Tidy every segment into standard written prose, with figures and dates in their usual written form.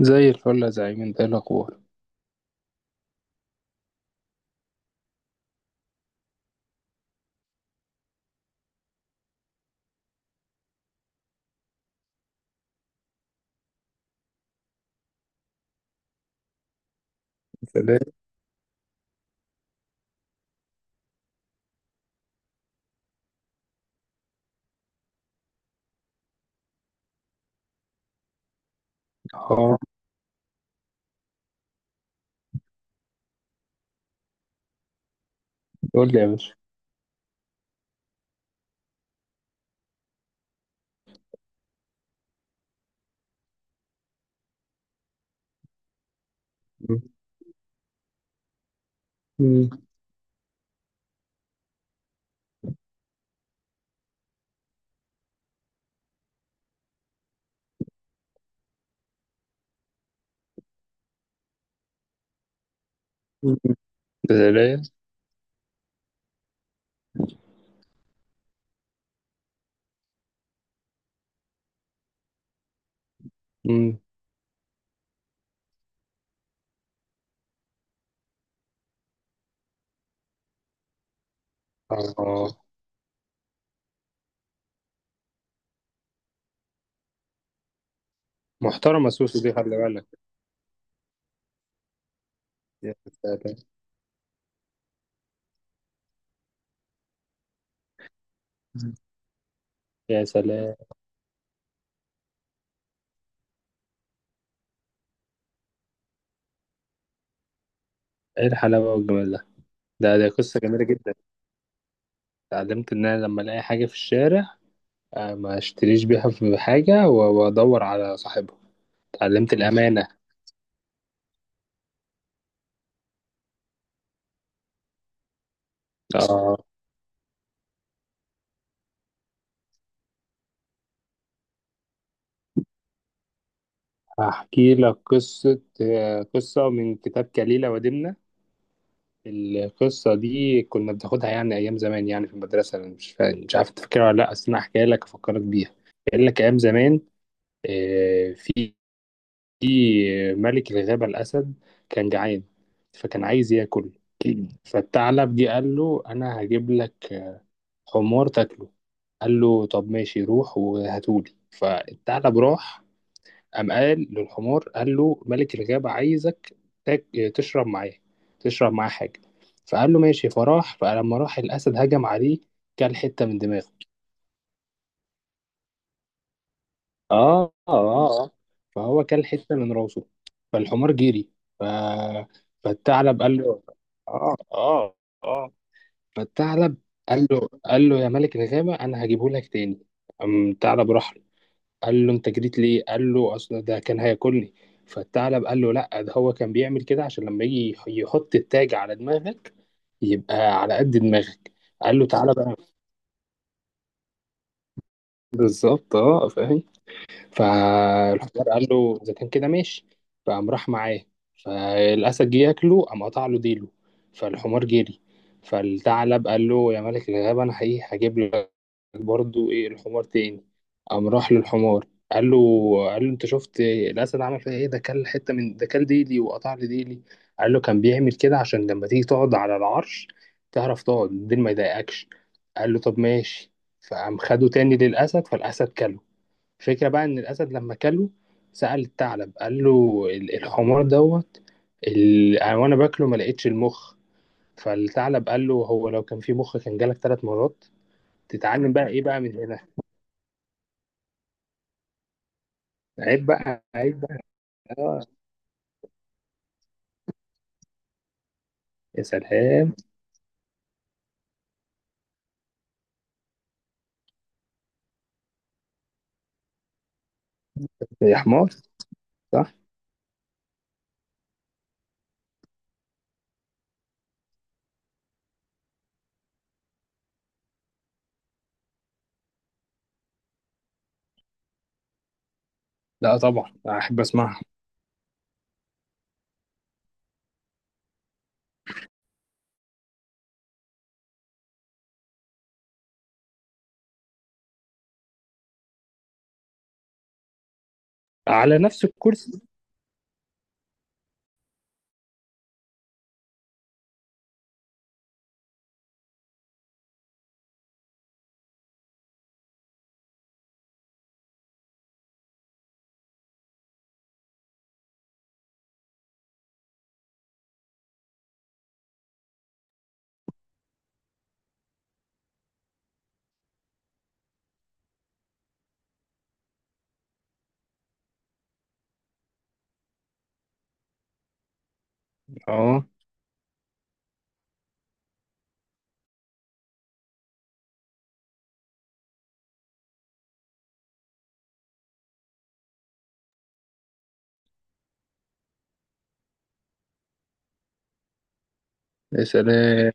زي الفل يا زعيم، انت ايه الاخبار؟ سلام. اه. قول لي يا باشا. مم. مم. سلام. مم. اه. محترمه سوسو دي، خلي بالك. يا سلام. مم. يا سلام، ايه الحلاوه والجمال ده؟ ده قصه جميله جدا. اتعلمت ان انا لما الاقي حاجه في الشارع اه، ما اشتريش بيها، في حاجه وادور على صاحبها. اتعلمت الامانه. اه. هحكي لك قصه، قصه من كتاب كليله ودمنه. القصة دي كنا بناخدها يعني أيام زمان، يعني في المدرسة. أنا مش عارف تفكرها ولا لأ، أصل أنا هحكيها لك أفكرك بيها. قال لك أيام زمان آه، في في ملك الغابة الأسد كان جعان، فكان عايز ياكل. فالثعلب جه قال له أنا هجيب لك حمار تاكله. قال له طب ماشي، روح وهاتولي. فالثعلب راح، قام قال للحمار، قال له ملك الغابة عايزك تاك- تشرب معاه، تشرب معاه حاجة. فقال له ماشي، فراح. فلما راح، الأسد هجم عليه، كل حتة من دماغه. اه اه. اه. فهو كل حتة من راسه. فالحمار جري. ف... فالثعلب قال له. اه اه. اه. فالثعلب قال له، قال له يا ملك الغابة أنا هجيبه لك تاني. قام الثعلب راح قال له انت جريت ليه؟ قال له اصل ده كان هياكلني. فالثعلب قال له لا، ده هو كان بيعمل كده عشان لما يجي يحط التاج على دماغك يبقى على قد دماغك. قال له تعالى بقى. بالظبط، اه، فاهم. فالحجار قال له اذا كان كده ماشي. فقام راح معاه، فالاسد جه ياكله، قام قطع له ديله. فالحمار جري. فالثعلب قال له يا ملك الغابه انا حقيقي هجيب لك برضو ايه الحمار تاني. قام راح للحمار، قال له، قال له انت شفت الاسد عمل فيها ايه؟ ده كل ديلي، وقطع لي ديلي. قال له كان بيعمل كده عشان لما تيجي تقعد على العرش تعرف تقعد، الديل ما يضايقكش. قال له طب ماشي. فقام خده تاني للاسد، فالاسد كله. الفكره بقى ان الاسد لما كله سأل الثعلب، قال له الحمار دوت، وانا باكله ما لقيتش المخ. فالثعلب قال له هو لو كان في مخ كان جالك ثلاث مرات. تتعلم بقى ايه بقى من هنا؟ عيب بقى، عيب بقى. اه. يا سلام. يا حمار. صح. لا طبعا، احب اسمعها. على نفس الكرسي. اه. يا سلام.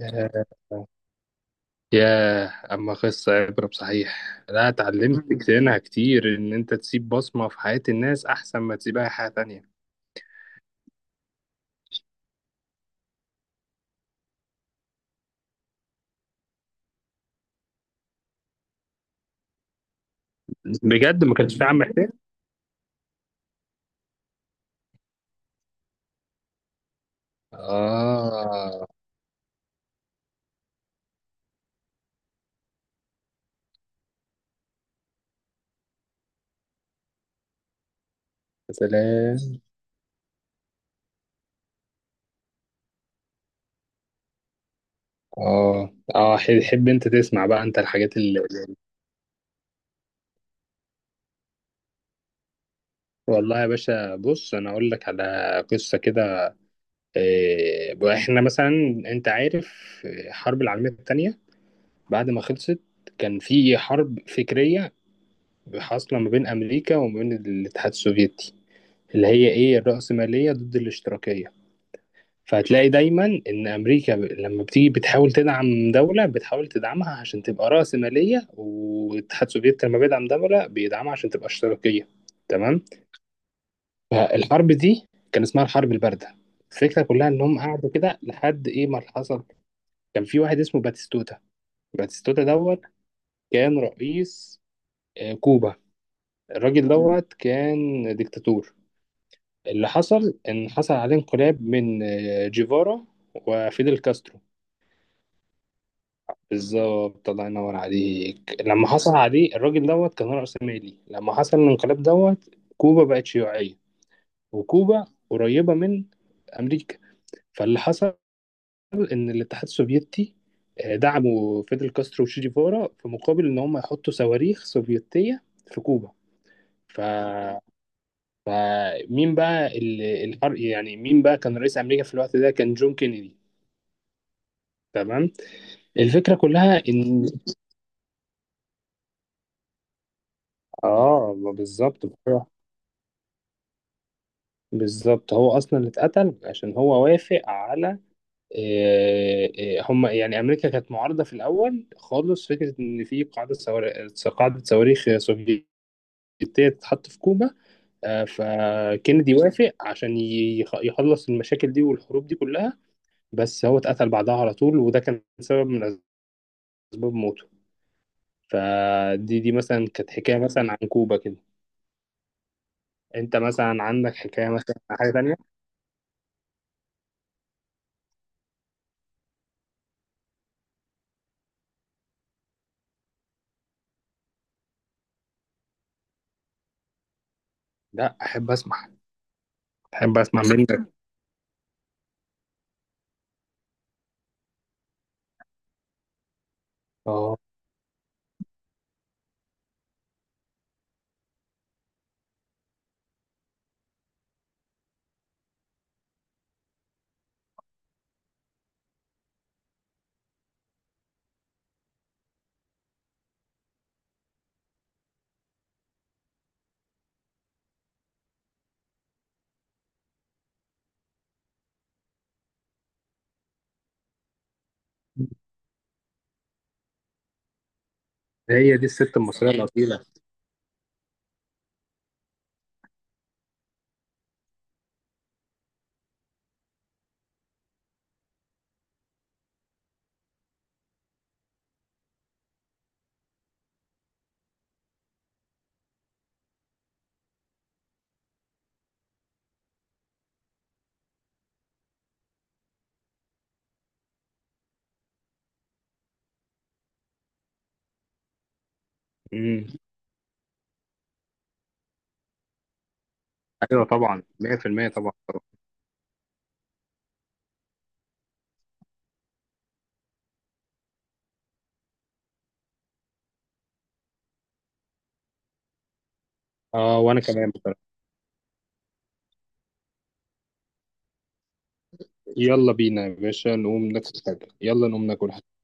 يا يا اما قصه عبره بصحيح. لا اتعلمت منها كتير، ان انت تسيب بصمه في حياه الناس احسن ما تسيبها في حياه تانية. بجد ما كانش في عم حسين؟ اه. يا سلام. اه اه. حب انت تسمع بقى انت الحاجات اللي. والله يا باشا، بص انا اقول لك على قصه كده. احنا مثلا، انت عارف الحرب العالمية التانية بعد ما خلصت كان في حرب فكرية حاصلة ما بين أمريكا وما بين الاتحاد السوفيتي، اللي هي إيه الرأسمالية ضد الاشتراكية. فهتلاقي دايما إن لما بتيجي بتحاول تدعم دولة، بتحاول تدعمها عشان تبقى رأسمالية، والاتحاد السوفيتي لما بيدعم دولة بيدعمها عشان تبقى اشتراكية. تمام. فالحرب دي كان اسمها الحرب الباردة. الفكرة كلها إنهم قعدوا كده لحد إيه ما حصل. كان في واحد اسمه باتيستوتا. باتيستوتا دوت كان رئيس كوبا. الراجل دوت كان ديكتاتور. اللي حصل ان حصل عليه انقلاب من جيفارا وفيدل كاسترو. بالظبط، الله ينور عليك. لما حصل عليه الراجل دوت كان رأس مالي، لما حصل الانقلاب دوت كوبا بقت شيوعية. وكوبا قريبة من أمريكا. فاللي حصل ان الاتحاد السوفيتي دعموا فيدل كاسترو وشي جيفارا في مقابل ان هم يحطوا صواريخ سوفيتيه في كوبا. ف... فمين بقى يعني مين بقى كان رئيس امريكا في الوقت ده؟ كان جون كينيدي. تمام. الفكره كلها ان اه، ما بالظبط. بالظبط، هو اصلا اللي اتقتل عشان هو وافق على هم، يعني امريكا كانت معارضه في الاول خالص فكره ان في قاعده صواريخ سوفيتيه ديت تتحط في كوبا. فكندي وافق عشان يخلص المشاكل دي والحروب دي كلها، بس هو اتقتل بعدها على طول وده كان سبب من اسباب موته. فدي مثلا كانت حكايه مثلا عن كوبا كده. انت مثلا عندك حكايه مثلا عن حاجه تانية؟ لا، احب اسمع. احب اسمع منك. اه. هي دي الست المصريه الاصيله. امم. ايوه طبعا، 100% طبعا طبعا. اه، وانا كمان بصراحه. يلا بينا يا باشا نقوم ناكل حاجه، يلا نقوم ناكل حاجة.